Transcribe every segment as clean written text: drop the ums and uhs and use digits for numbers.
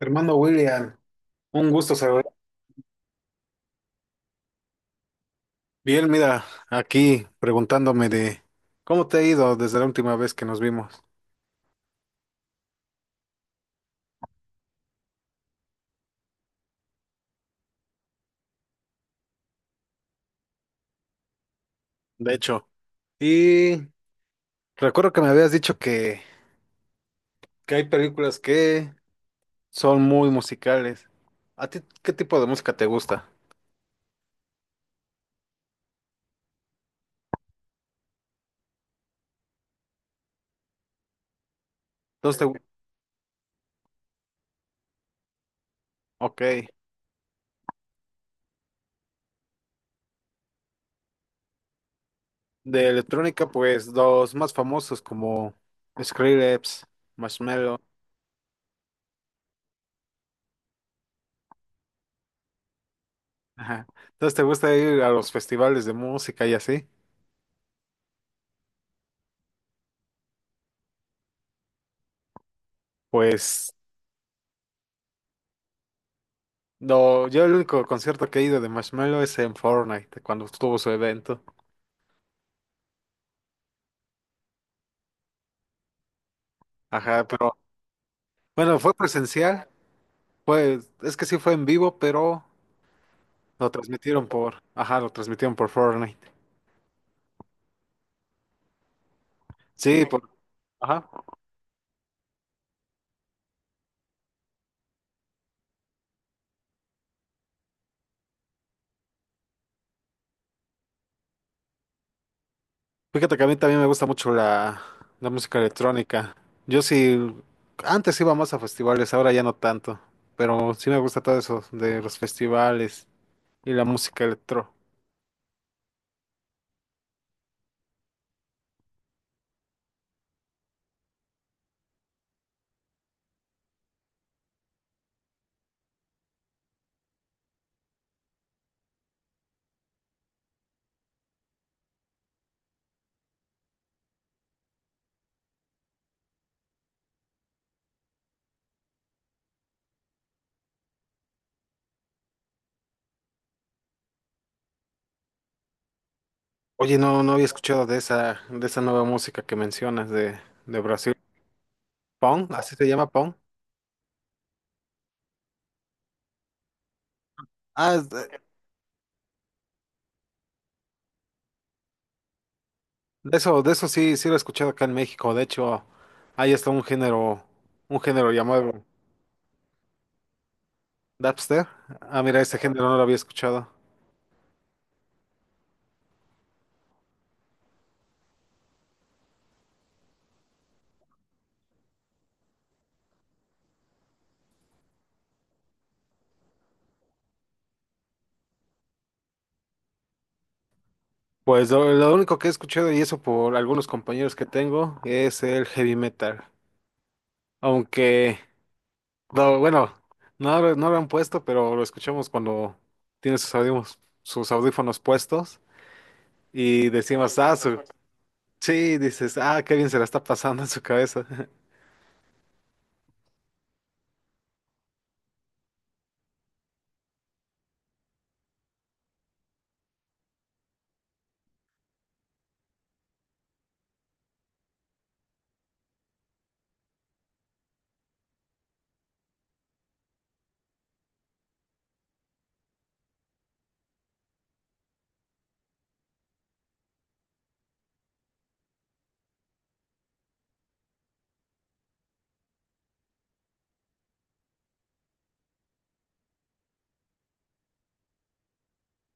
Hermano William, un gusto saludar. Bien, mira, aquí preguntándome de cómo te ha ido desde la última vez que nos vimos. De hecho, y recuerdo que me habías dicho que hay películas que son muy musicales. ¿A ti qué tipo de música te gusta? Entonces, ok, de electrónica, pues los más famosos como Skrillex, Marshmello. Ajá. Entonces, ¿te gusta ir a los festivales de música y así? Pues no, yo el único concierto que he ido de Marshmello es en Fortnite, cuando estuvo su evento. Ajá, pero bueno, fue presencial, pues es que sí fue en vivo, pero ajá, lo transmitieron por Fortnite. Sí, por, ajá. Fíjate que a mí también me gusta mucho la música electrónica. Yo sí, antes iba más a festivales, ahora ya no tanto, pero sí me gusta todo eso de los festivales y la música electro. Oye, no, no había escuchado de esa nueva música que mencionas de Brasil. Pong, así se llama Pong. Ah, es de, de eso sí, sí lo he escuchado acá en México. De hecho, ahí está un género llamado Dapster. Ah, mira, ese género no lo había escuchado. Pues lo único que he escuchado, y eso por algunos compañeros que tengo, es el heavy metal. Aunque, no, bueno, no, no lo han puesto, pero lo escuchamos cuando tiene sus audífonos puestos y decimos, ah, sí, dices, ah, qué bien se la está pasando en su cabeza.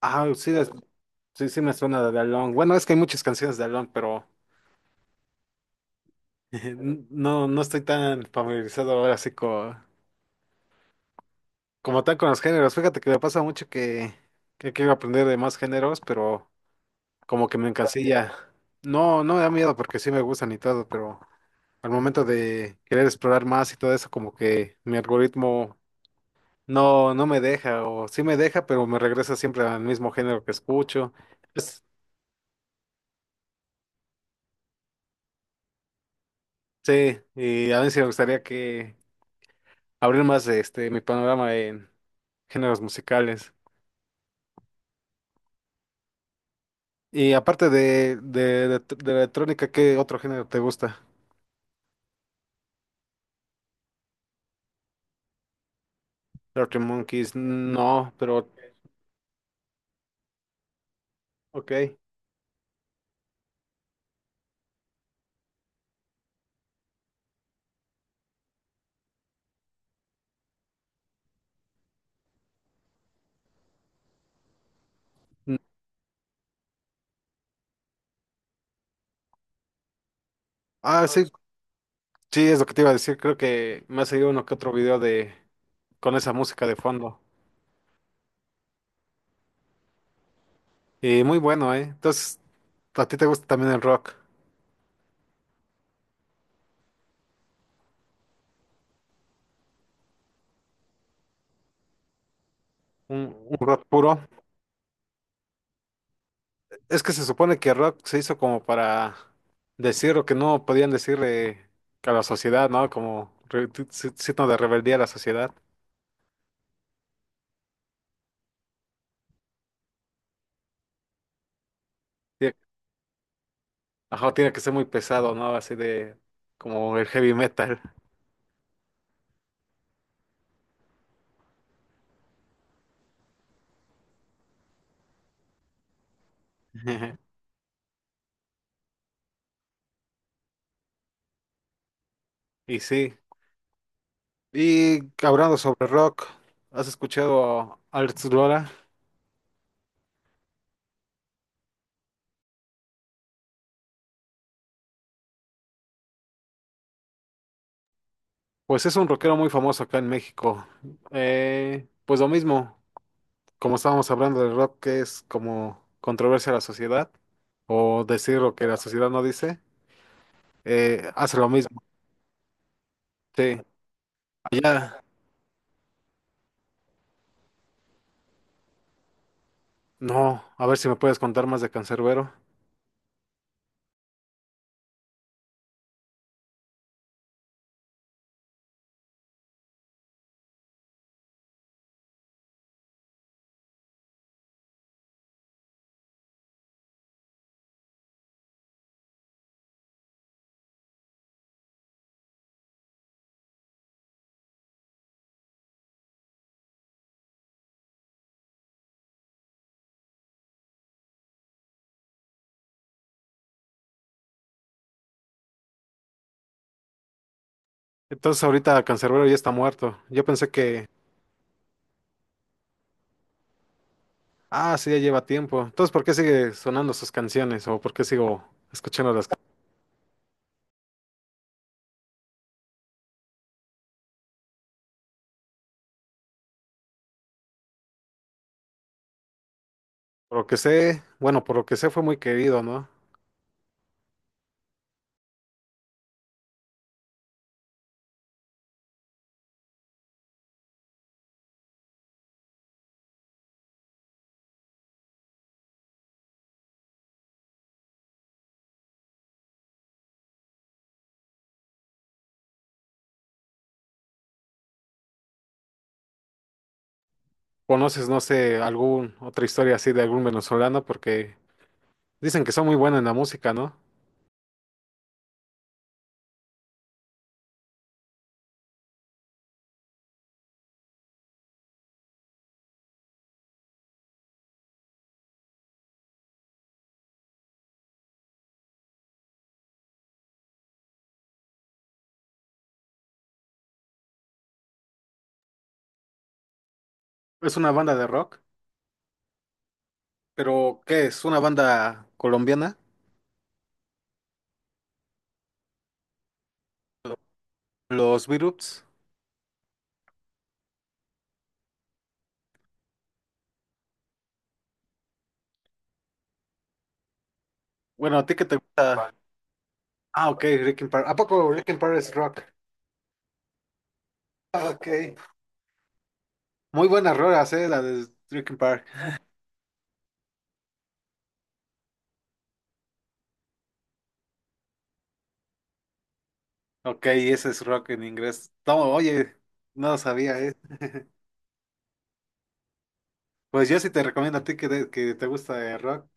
Ah, sí, la- Sí, sí me suena de Alone. Bueno, es que hay muchas canciones de Alone, pero no, no estoy tan familiarizado ahora así como tal con los géneros. Fíjate que me pasa mucho que quiero aprender de más géneros, pero como que me encasilla. No, no me da miedo porque sí me gustan y todo, pero al momento de querer explorar más y todo eso, como que mi algoritmo no me deja, o sí me deja, pero me regresa siempre al mismo género que escucho. Pues, sí, y a mí sí me gustaría que abrir más de este mi panorama en géneros musicales. Y aparte de electrónica, ¿qué otro género te gusta? Arctic Monkeys, no, pero ok. Mm, ah, sí, sí, es lo que te iba a decir. Creo que me ha seguido uno que otro video de con esa música de fondo. Y muy bueno, ¿eh? Entonces, ¿a ti te gusta también el rock? Un rock puro? Es que se supone que Rock se hizo como para decir lo que no podían decirle a la sociedad, ¿no? Como signo de rebeldía a la sociedad. Tie- Ajá, tiene que ser muy pesado, ¿no? Así de como el heavy metal. Y sí. Y hablando sobre rock, ¿has escuchado a Alex Lora? Pues es un rockero muy famoso acá en México. Pues lo mismo, como estábamos hablando del rock, que es como controversia a la sociedad, o decir lo que la sociedad no dice. Hace lo mismo. Sí. Allá, no, a ver si me puedes contar más de Cancerbero. Entonces ahorita Cancerbero ya está muerto. Yo pensé ah, sí, ya lleva tiempo. Entonces, ¿por qué sigue sonando sus canciones? ¿O por qué sigo escuchando las canciones? Por lo que sé, bueno, por lo que sé fue muy querido, ¿no? ¿Conoces, no sé, algún otra historia así de algún venezolano? Porque dicen que son muy buenos en la música, ¿no? Es una banda de rock, pero ¿qué es? ¿Una banda colombiana? Los Viruts. Bueno, ¿a ti qué te gusta? Ah, ok, Rick and Park. ¿A poco Rick and Park es rock? Ah, ok. Muy buenas rolas, la de Rick and Park. Ok, ese es rock en inglés. No, oye, no lo sabía, eh. Pues yo sí te recomiendo a ti que te gusta el rock.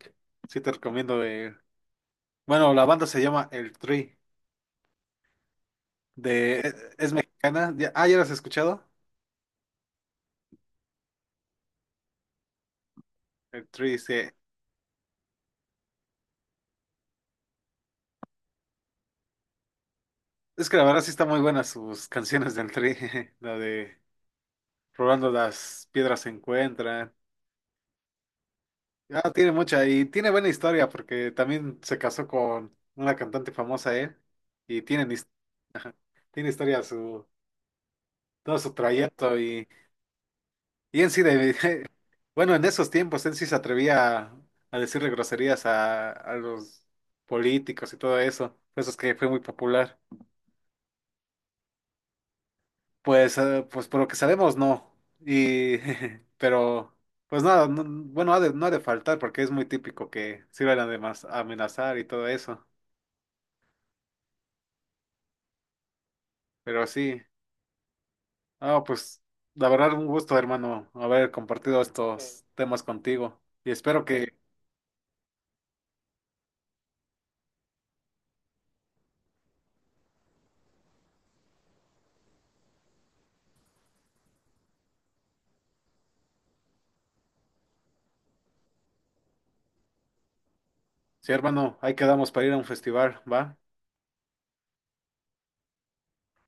Sí te recomiendo. Eh, bueno, la banda se llama El Tri. De... es mexicana. Ah, ¿ya las has escuchado? El Tri sí. Es que la verdad sí está muy buena sus canciones del Tri. La de Robando las piedras se encuentran. Ah, tiene mucha y tiene buena historia porque también se casó con una cantante famosa, ¿eh? Y tienen, his- ajá, tiene historia su, todo su trayecto y en sí, de, bueno, en esos tiempos en sí se atrevía a decirle groserías a los políticos y todo eso, por eso es que fue muy popular. Pues, pues por lo que sabemos, no. Y, pero, pues nada, no ha de faltar porque es muy típico que sirvan además a amenazar y todo eso, pero sí. Ah, pues la verdad un gusto, hermano, haber compartido estos temas contigo. Y espero que, sí, hermano, ahí quedamos para ir a un festival, ¿va?